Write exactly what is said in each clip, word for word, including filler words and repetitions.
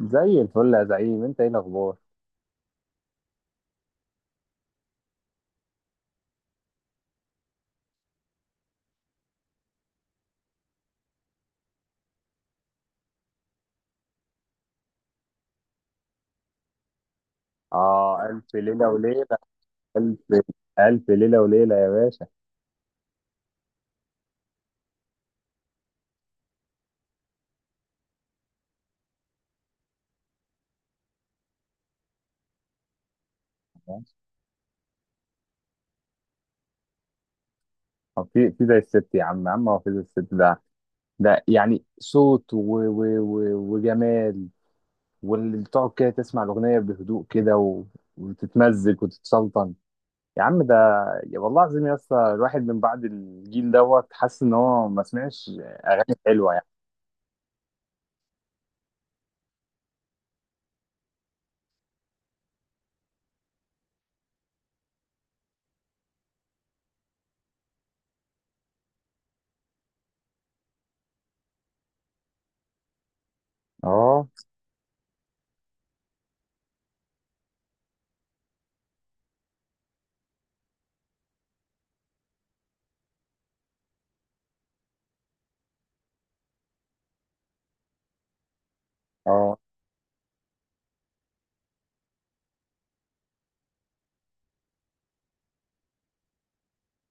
زي الفل يا زعيم، انت ايه الاخبار؟ اه، الف ليله وليله. الف الف ليله وليله يا باشا. طب في في زي الست يا عم، يا عم هو في زي الست ده؟ ده يعني صوت و و و وجمال، واللي بتقعد كده تسمع الاغنيه بهدوء كده و- وتتمزج وتتسلطن. يا عم ده، يا والله العظيم يا اسطى، الواحد من بعد الجيل دوت حاسس ان هو ما سمعش. حلوه يعني. اه. اه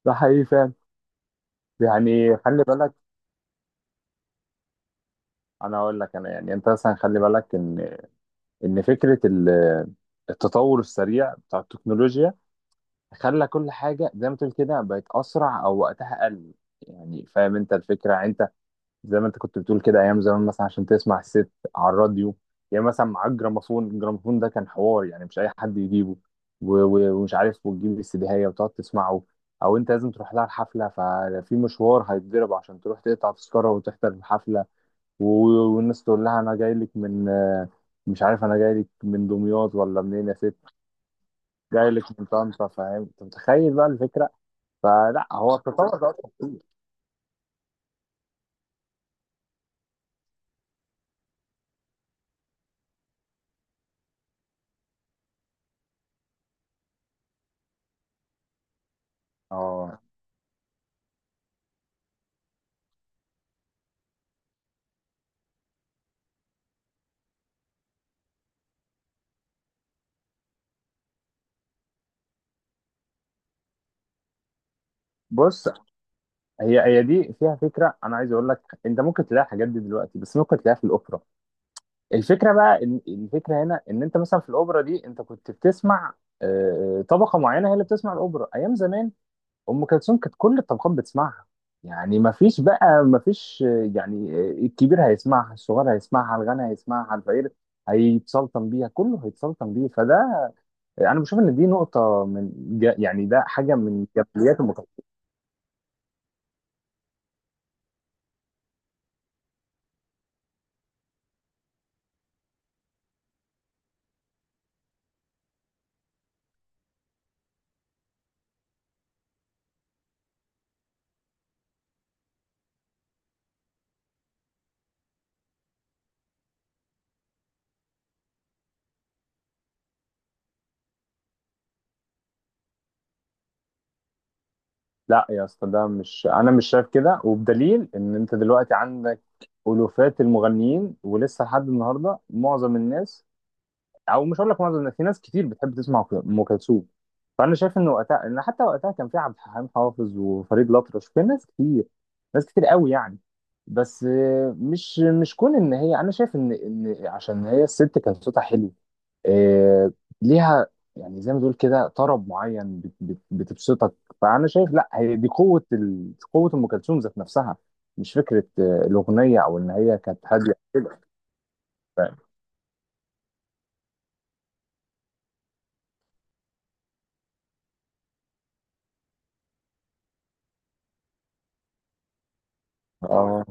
ده حقيقي فعلا. يعني خلي بالك، انا اقول لك، انا يعني انت مثلا خلي بالك ان ان فكره ال- التطور السريع بتاع التكنولوجيا خلى كل حاجه زي ما تقول كده بقت اسرع، او وقتها قل. يعني فاهم انت الفكره؟ يعني انت زي ما انت كنت بتقول كده، ايام زمان مثلا عشان تسمع الست على الراديو، يعني مثلا معاك جراموفون، الجراموفون ده كان حوار يعني مش اي حد يجيبه. و- و- ومش عارف وتجيب السيديهيه وتقعد تسمعه، او انت لازم تروح لها الحفله، ففي مشوار هيتضرب عشان تروح تقطع تذكره وتحضر الحفله. و- والناس تقول لها انا جاي لك من آه، مش عارف، انا جاي لك من دمياط ولا منين يا ست. جاي لك من طنطا. فاهم انت؟ متخيل بقى الفكره؟ فلا هو التطور ده اصلا. اه. بص، هي هي دي فيها فكره انا عايز اقول لك. انت ممكن تلاقي الحاجات دي دلوقتي، بس ممكن تلاقيها في الاوبرا. الفكره بقى إن الفكره هنا ان انت مثلا في الاوبرا دي انت كنت بتسمع آه، طبقه معينه هي اللي بتسمع الاوبرا ايام زمان. ام كلثوم كانت كل الطبقات بتسمعها. يعني ما فيش بقى ما فيش يعني، الكبير هيسمعها، الصغير هيسمعها، الغني هيسمعها، الفقير هيتسلطن بيها، كله هيتسلطن بيه. فده انا بشوف ان دي نقطه من ج- يعني ده حاجه من جماليات ام كلثوم. لا يا اسطى، ده مش، انا مش شايف كده. وبدليل ان انت دلوقتي عندك الوفات المغنيين، ولسه لحد النهارده معظم الناس، او مش هقول لك معظم الناس، في ناس كتير بتحب تسمع ام كلثوم. فانا شايف ان وقتها، ان حتى وقتها كان في عبد الحليم حافظ وفريد الأطرش، في ناس كتير، ناس كتير قوي يعني. بس آه، مش مش كون ان هي، انا شايف ان ان عشان هي الست كان صوتها حلو، آه، ليها يعني زي ما تقول كده طرب معين بت- بت- بتبسطك. فانا شايف لا، هي دي قوه ال... قوه ام كلثوم ذات نفسها، مش فكره آه، الاغنيه او ان هي كانت هاديه كده. ف- اه،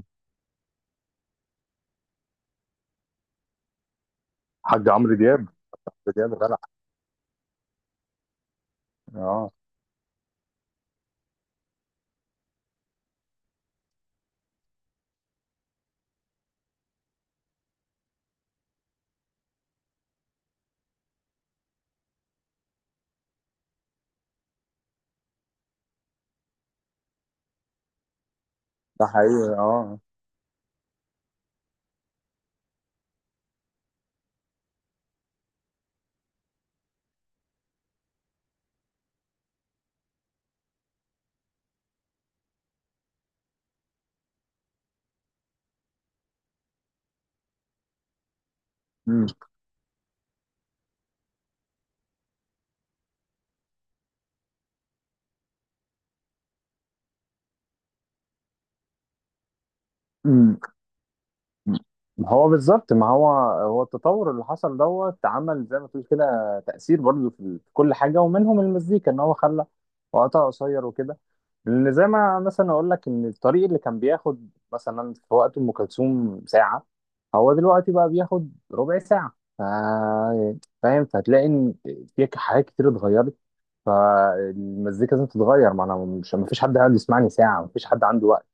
حاج عمرو دياب. عمرو دياب غنى. اه. ده حقيقي اه. مم. مم. هو بالظبط. ما هو هو التطور اللي حصل دوت عمل زي ما تقول كده تأثير برضه في في كل حاجة، ومنهم المزيكا، ان هو خلى وقتها قصير وكده. لان زي ما مثلا اقول لك ان الطريق اللي كان بياخد مثلا في وقت ام كلثوم ساعة، هو دلوقتي بقى بياخد ربع ساعة. ف- فاهم؟ فهتلاقي ان في حاجات كتير اتغيرت، فالمزيكا لازم تتغير. ما انا مش، ما فيش حد قاعد يسمعني ساعة، ما فيش حد عنده وقت.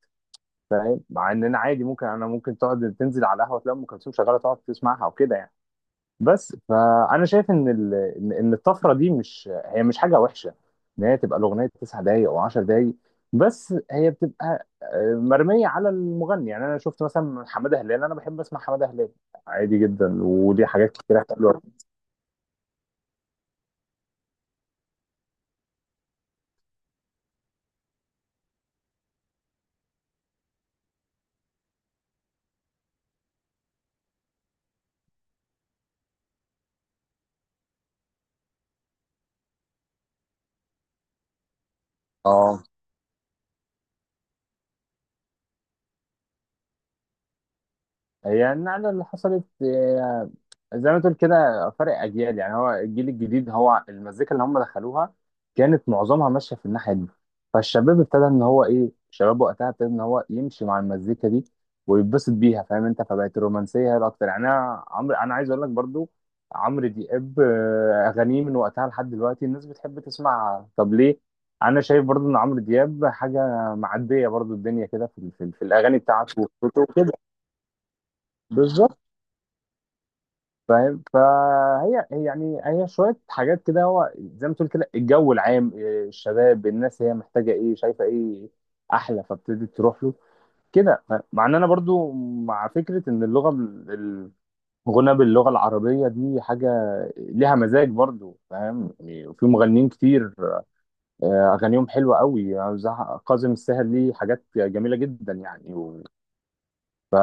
فاهم؟ مع ان انا عادي، ممكن انا ممكن تقعد تنزل على القهوه تلاقي ام كلثوم شغاله تقعد تسمعها وكده يعني. بس فانا شايف ان ال... ان إن الطفره دي مش، هي مش حاجه وحشه ان هي تبقى الاغنيه تسع دقائق او عشر دقائق. بس هي بتبقى آه، مرميه على المغني. يعني انا شفت مثلا حماده هلال، انا بحب اسمع حماده هلال عادي جدا، وليه حاجات كتير حلوه. اه، هي النقلة اللي حصلت آه، زي ما تقول كده فرق أجيال. يعني هو الجيل الجديد، هو المزيكا اللي هم دخلوها كانت معظمها ماشية في الناحية دي، فالشباب ابتدى إن هو إيه، الشباب وقتها ابتدى إن هو يمشي مع المزيكا دي ويتبسط بيها. فاهم أنت؟ فبقت الرومانسية هي الأكتر. يعني أنا عمرو أنا عايز أقول لك برضو عمرو دياب، آه، أغانيه من وقتها لحد دلوقتي الناس بتحب تسمعها، طب ليه؟ أنا شايف برضو إن عمرو دياب حاجة معدية برضو الدنيا كده، في في, في الأغاني بتاعته وصوته وكده. بالظبط. فاهم؟ فهي هي يعني هي شويه حاجات كده، هو زي ما تقول كده الجو العام إيه، الشباب الناس هي محتاجه ايه، شايفه ايه احلى، فابتدت تروح له كده. ف- مع ان انا برضو مع فكره ان اللغه بال- الغنى باللغه العربيه دي حاجه ليها مزاج برضو. فاهم يعني؟ وفي مغنيين كتير آه، اغانيهم حلوه قوي، يعني زي كاظم الساهر، ليه حاجات جميله جدا يعني. و... ف...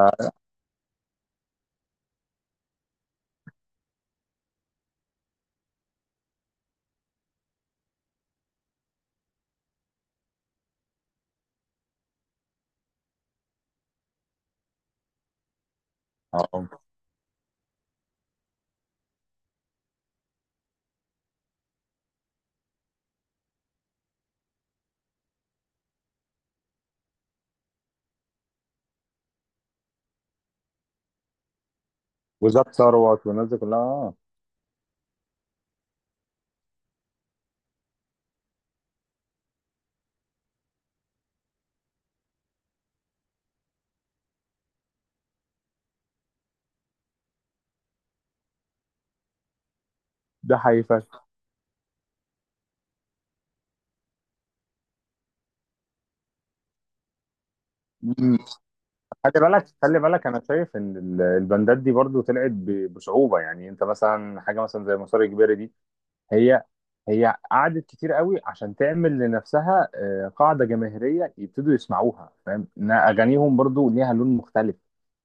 آه. وزاد ثروت والناس دي كلها. آه، ده حقيقي. خلي بالك، خلي بالك انا شايف ان ال- البندات دي برضو طلعت ب- بصعوبه. يعني انت مثلا حاجه مثلا زي مسار اجباري دي، هي هي قعدت كتير قوي عشان تعمل لنفسها آه، قاعده جماهيريه يبتدوا يسمعوها. فاهم؟ ان اغانيهم برضو ليها لون مختلف.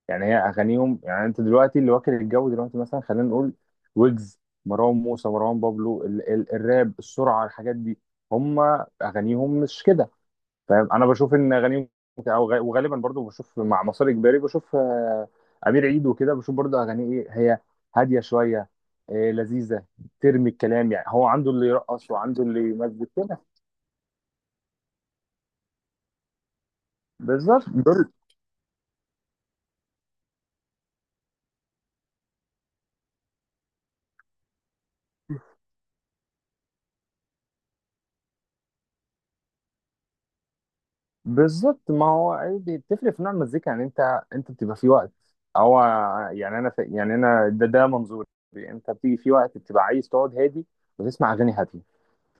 يعني هي اغانيهم، يعني انت دلوقتي اللي واكل الجو دلوقتي مثلا، خلينا نقول ويجز، مروان موسى، مروان بابلو، ال ال الراب، السرعه، الحاجات دي، هم اغانيهم مش كده. فاهم؟ انا بشوف ان غني او غ- وغالبا برضو بشوف مع مسار اجباري بشوف آه، امير عيد وكده، بشوف برضو اغانيه ايه، هي هاديه شويه، آه، لذيذه، ترمي الكلام. يعني هو عنده اللي يرقص وعنده اللي يمزج كده. بالظبط دول- بالظبط. ما هو عادي بتفرق في نوع المزيكا. يعني انت انت بتبقى في وقت، هو يعني انا في، يعني انا ده ده منظوري. انت بتيجي في وقت بتبقى عايز تقعد هادي وتسمع اغاني هاديه،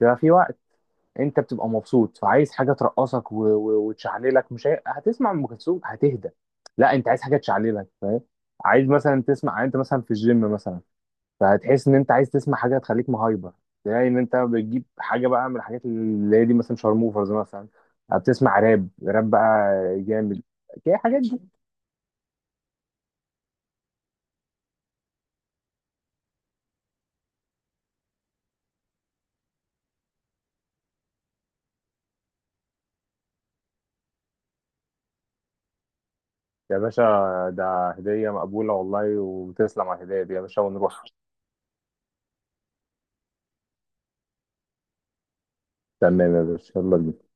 بيبقى في وقت انت بتبقى مبسوط، فعايز حاجه ترقصك و... و... وتشعللك. مش هي، هتسمع ام كلثوم هتهدى، لا انت عايز حاجه تشعللك. فاهم؟ عايز مثلا تسمع، يعني انت مثلا في الجيم مثلا، فهتحس ان انت عايز تسمع حاجه تخليك مهايبر. يعني ان انت بتجيب حاجه بقى من الحاجات اللي هي دي، مثلا شارموفرز مثلا، بتسمع راب. راب بقى جامد كده، حاجات دي. يا باشا، ده هديه مقبوله والله، وتسلم على الهديه دي يا باشا، ونروح. تمام يا باشا، يلا بينا.